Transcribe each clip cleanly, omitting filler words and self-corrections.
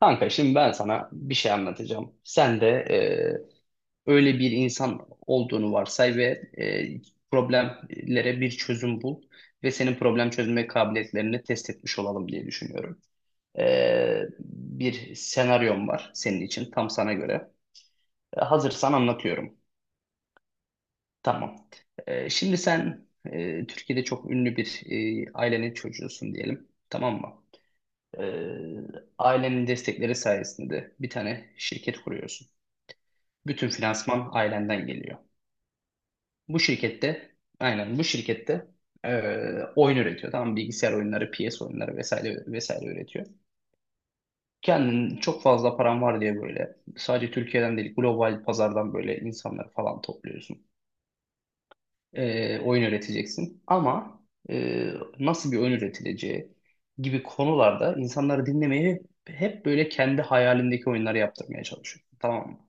Kanka şimdi ben sana bir şey anlatacağım. Sen de öyle bir insan olduğunu varsay ve e, problemlere bir çözüm bul ve senin problem çözme kabiliyetlerini test etmiş olalım diye düşünüyorum. Bir senaryom var senin için tam sana göre. Hazırsan anlatıyorum. Tamam. Şimdi sen Türkiye'de çok ünlü bir ailenin çocuğusun diyelim. Tamam mı? E, Ailenin destekleri sayesinde bir tane şirket kuruyorsun. Bütün finansman ailenden geliyor. Bu şirkette aynen bu şirkette oyun üretiyor. Tamam mı? Bilgisayar oyunları, PS oyunları vesaire vesaire üretiyor. Kendin çok fazla paran var diye böyle sadece Türkiye'den değil global pazardan böyle insanları falan topluyorsun. Oyun üreteceksin. Ama eee, nasıl bir oyun üretileceği gibi konularda insanları dinlemeye hep böyle kendi hayalindeki oyunları yaptırmaya çalışıyorsun. Tamam mı?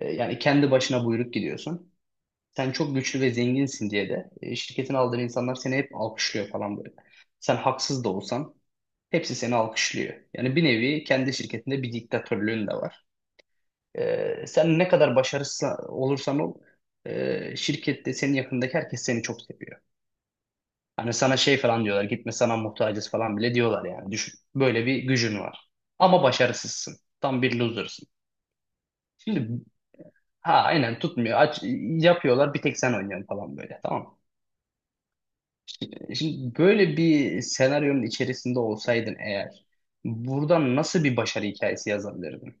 Yani kendi başına buyruk gidiyorsun. Sen çok güçlü ve zenginsin diye de şirketin aldığın insanlar seni hep alkışlıyor falan böyle. Sen haksız da olsan hepsi seni alkışlıyor. Yani bir nevi kendi şirketinde bir diktatörlüğün de var. Sen ne kadar başarısız olursan ol şirkette senin yakındaki herkes seni çok seviyor. Hani sana şey falan diyorlar, gitme sana muhtacız falan bile diyorlar, yani düşün. Böyle bir gücün var. Ama başarısızsın. Tam bir loser'sın. Şimdi ha aynen tutmuyor. Aç, yapıyorlar bir tek sen oynuyorsun falan böyle, tamam mı? Şimdi böyle bir senaryonun içerisinde olsaydın eğer buradan nasıl bir başarı hikayesi yazabilirdin?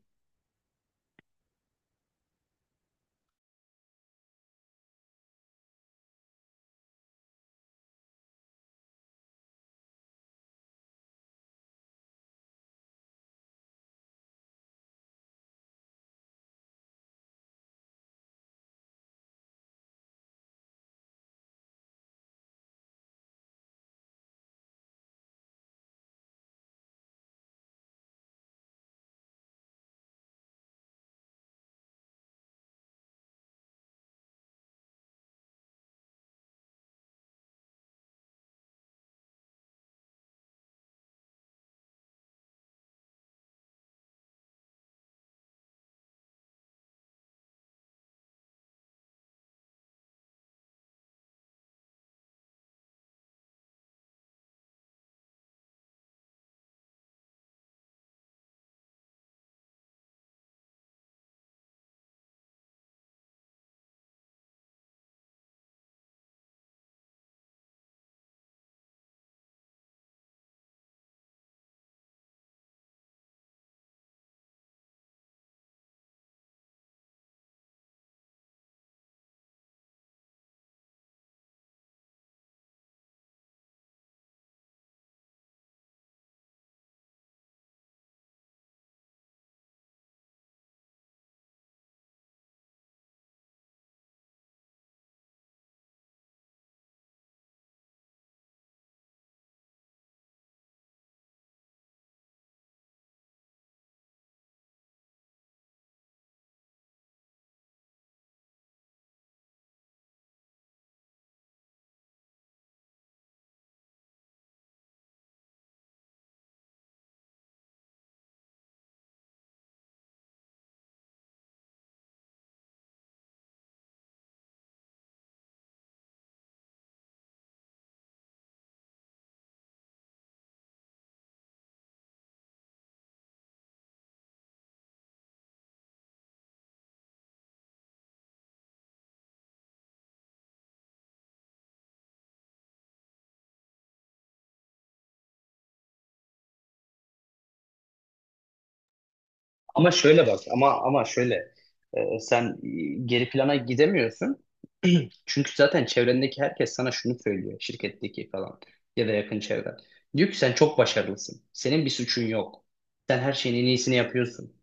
Ama şöyle bak, ama şöyle sen geri plana gidemiyorsun. Çünkü zaten çevrendeki herkes sana şunu söylüyor, şirketteki falan ya da yakın çevren. Diyor ki sen çok başarılısın. Senin bir suçun yok. Sen her şeyin en iyisini yapıyorsun.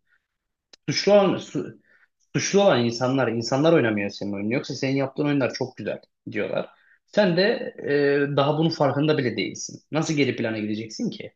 Suçlu olan, su- Suçlu olan insanlar, insanlar oynamıyor senin oyunu. Yoksa senin yaptığın oyunlar çok güzel diyorlar. Sen de daha bunun farkında bile değilsin. Nasıl geri plana gideceksin ki?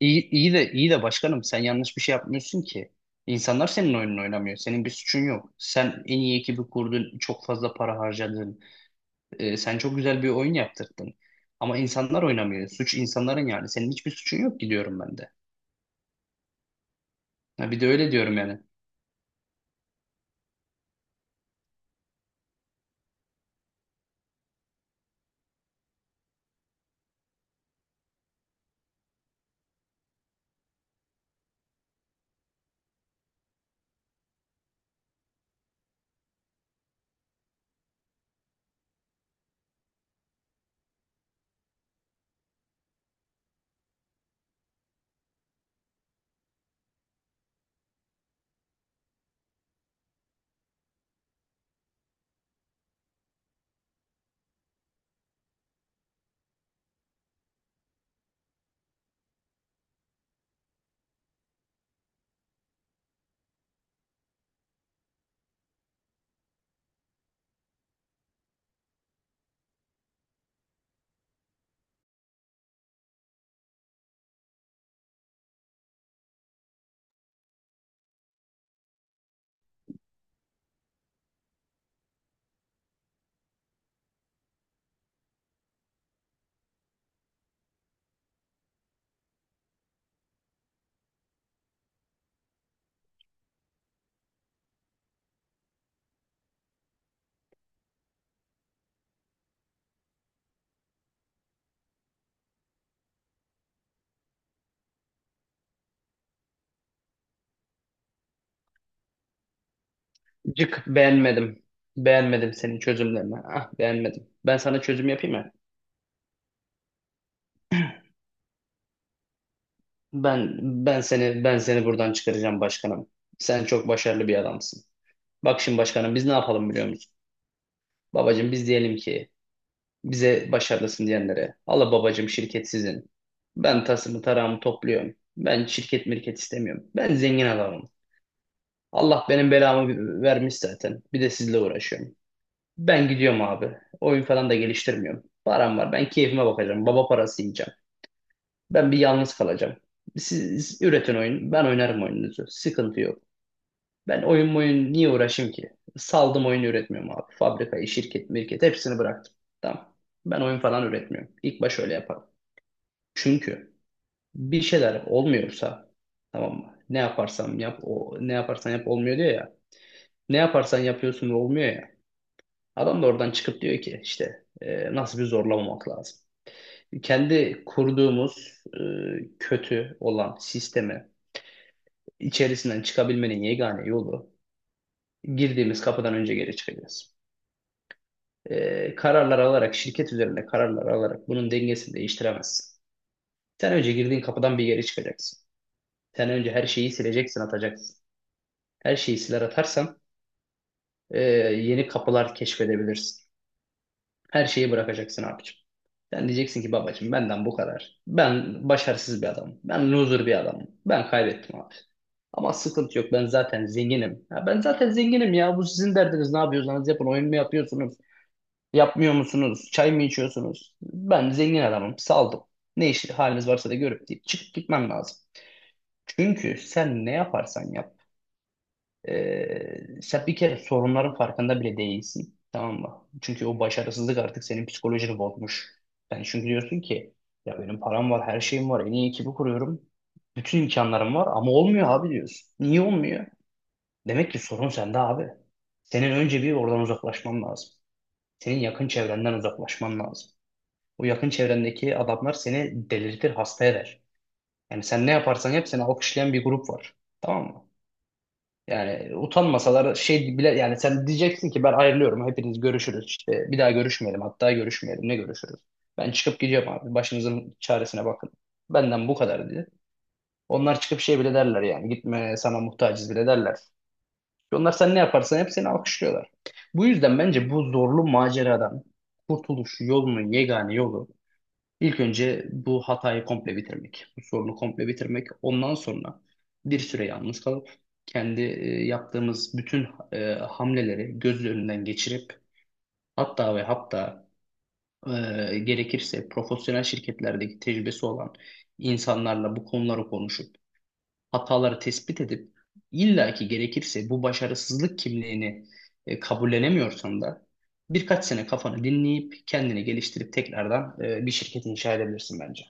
İyi, iyi de başkanım sen yanlış bir şey yapmıyorsun ki. İnsanlar senin oyununu oynamıyor. Senin bir suçun yok. Sen en iyi ekibi kurdun, çok fazla para harcadın. Sen çok güzel bir oyun yaptırdın. Ama insanlar oynamıyor. Suç insanların yani. Senin hiçbir suçun yok, gidiyorum ben de. Ha, bir de öyle diyorum yani. Cık, beğenmedim. Beğenmedim senin çözümlerini. Ah, beğenmedim. Ben sana çözüm yapayım mı? Ben ben seni, ben seni buradan çıkaracağım başkanım. Sen çok başarılı bir adamsın. Bak şimdi başkanım, biz ne yapalım biliyor musun? Babacım biz diyelim ki bize başarılısın diyenlere, Allah babacım şirket sizin. Ben tasımı tarağımı topluyorum. Ben şirket mirket istemiyorum. Ben zengin adamım. Allah benim belamı vermiş zaten. Bir de sizle uğraşıyorum. Ben gidiyorum abi. Oyun falan da geliştirmiyorum. Param var. Ben keyfime bakacağım. Baba parası yiyeceğim. Ben bir yalnız kalacağım. Siz üretin oyun. Ben oynarım oyununuzu. Sıkıntı yok. Ben oyun niye uğraşayım ki? Saldım, oyun üretmiyorum abi. Fabrikayı, şirket, mirket hepsini bıraktım. Tamam. Ben oyun falan üretmiyorum. İlk baş öyle yaparım. Çünkü bir şeyler olmuyorsa, tamam mı? Ne yaparsam yap, o ne yaparsan yap olmuyor diyor ya. Ne yaparsan yapıyorsun ve olmuyor ya. Adam da oradan çıkıp diyor ki işte nasıl bir zorlamamak lazım. Kendi kurduğumuz kötü olan sistemi içerisinden çıkabilmenin yegane yolu, girdiğimiz kapıdan önce geri çıkacağız. Kararlar alarak, şirket üzerinde kararlar alarak bunun dengesini değiştiremezsin. Sen önce girdiğin kapıdan bir geri çıkacaksın. Sen önce her şeyi sileceksin, atacaksın. Her şeyi siler atarsan e, yeni kapılar keşfedebilirsin. Her şeyi bırakacaksın abicim. Sen diyeceksin ki babacım benden bu kadar. Ben başarısız bir adamım. Ben loser bir adamım. Ben kaybettim abi. Ama sıkıntı yok. Ben zaten zenginim. Ya ben zaten zenginim ya. Bu sizin derdiniz. Ne yapıyorsanız yapın. Oyun mu yapıyorsunuz? Yapmıyor musunuz? Çay mı içiyorsunuz? Ben zengin adamım. Saldım. Ne işi haliniz varsa da görüp deyip çıkıp gitmem lazım. Çünkü sen ne yaparsan yap. Sen bir kere sorunların farkında bile değilsin. Tamam mı? Çünkü o başarısızlık artık senin psikolojini bozmuş. Sen çünkü diyorsun ki ya benim param var, her şeyim var, en iyi ekibi kuruyorum. Bütün imkanlarım var ama olmuyor abi diyorsun. Niye olmuyor? Demek ki sorun sende abi. Senin önce bir oradan uzaklaşman lazım. Senin yakın çevrenden uzaklaşman lazım. O yakın çevrendeki adamlar seni delirtir, hasta eder. Yani sen ne yaparsan yap seni alkışlayan bir grup var. Tamam mı? Yani utanmasalar şey bile, yani sen diyeceksin ki ben ayrılıyorum hepiniz, görüşürüz işte, bir daha görüşmeyelim, hatta görüşmeyelim ne görüşürüz. Ben çıkıp gideceğim abi, başınızın çaresine bakın. Benden bu kadar diye. Onlar çıkıp şey bile derler, yani gitme sana muhtacız bile derler. Onlar sen ne yaparsan hep seni alkışlıyorlar. Bu yüzden bence bu zorlu maceradan kurtuluş yolunun yegane yolu, İlk önce bu hatayı komple bitirmek, bu sorunu komple bitirmek. Ondan sonra bir süre yalnız kalıp kendi yaptığımız bütün hamleleri göz önünden geçirip, hatta ve hatta gerekirse profesyonel şirketlerdeki tecrübesi olan insanlarla bu konuları konuşup hataları tespit edip, illaki gerekirse bu başarısızlık kimliğini kabullenemiyorsan da birkaç sene kafanı dinleyip kendini geliştirip tekrardan bir şirket inşa edebilirsin bence.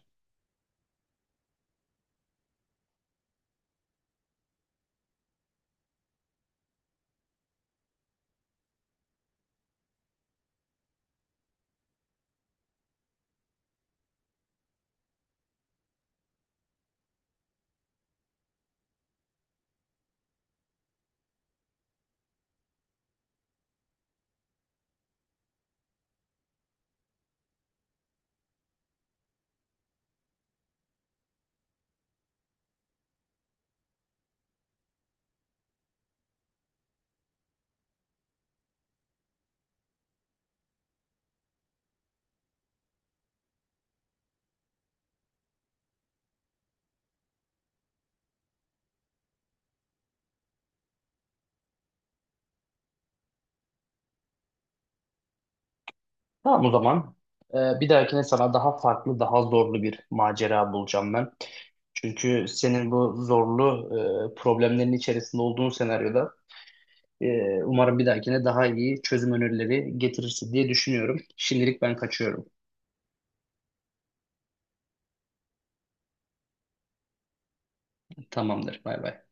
Tamam o zaman. Bir dahakine sana daha farklı, daha zorlu bir macera bulacağım ben. Çünkü senin bu zorlu problemlerin içerisinde olduğun senaryoda umarım bir dahakine daha iyi çözüm önerileri getirirsin diye düşünüyorum. Şimdilik ben kaçıyorum. Tamamdır. Bay bay.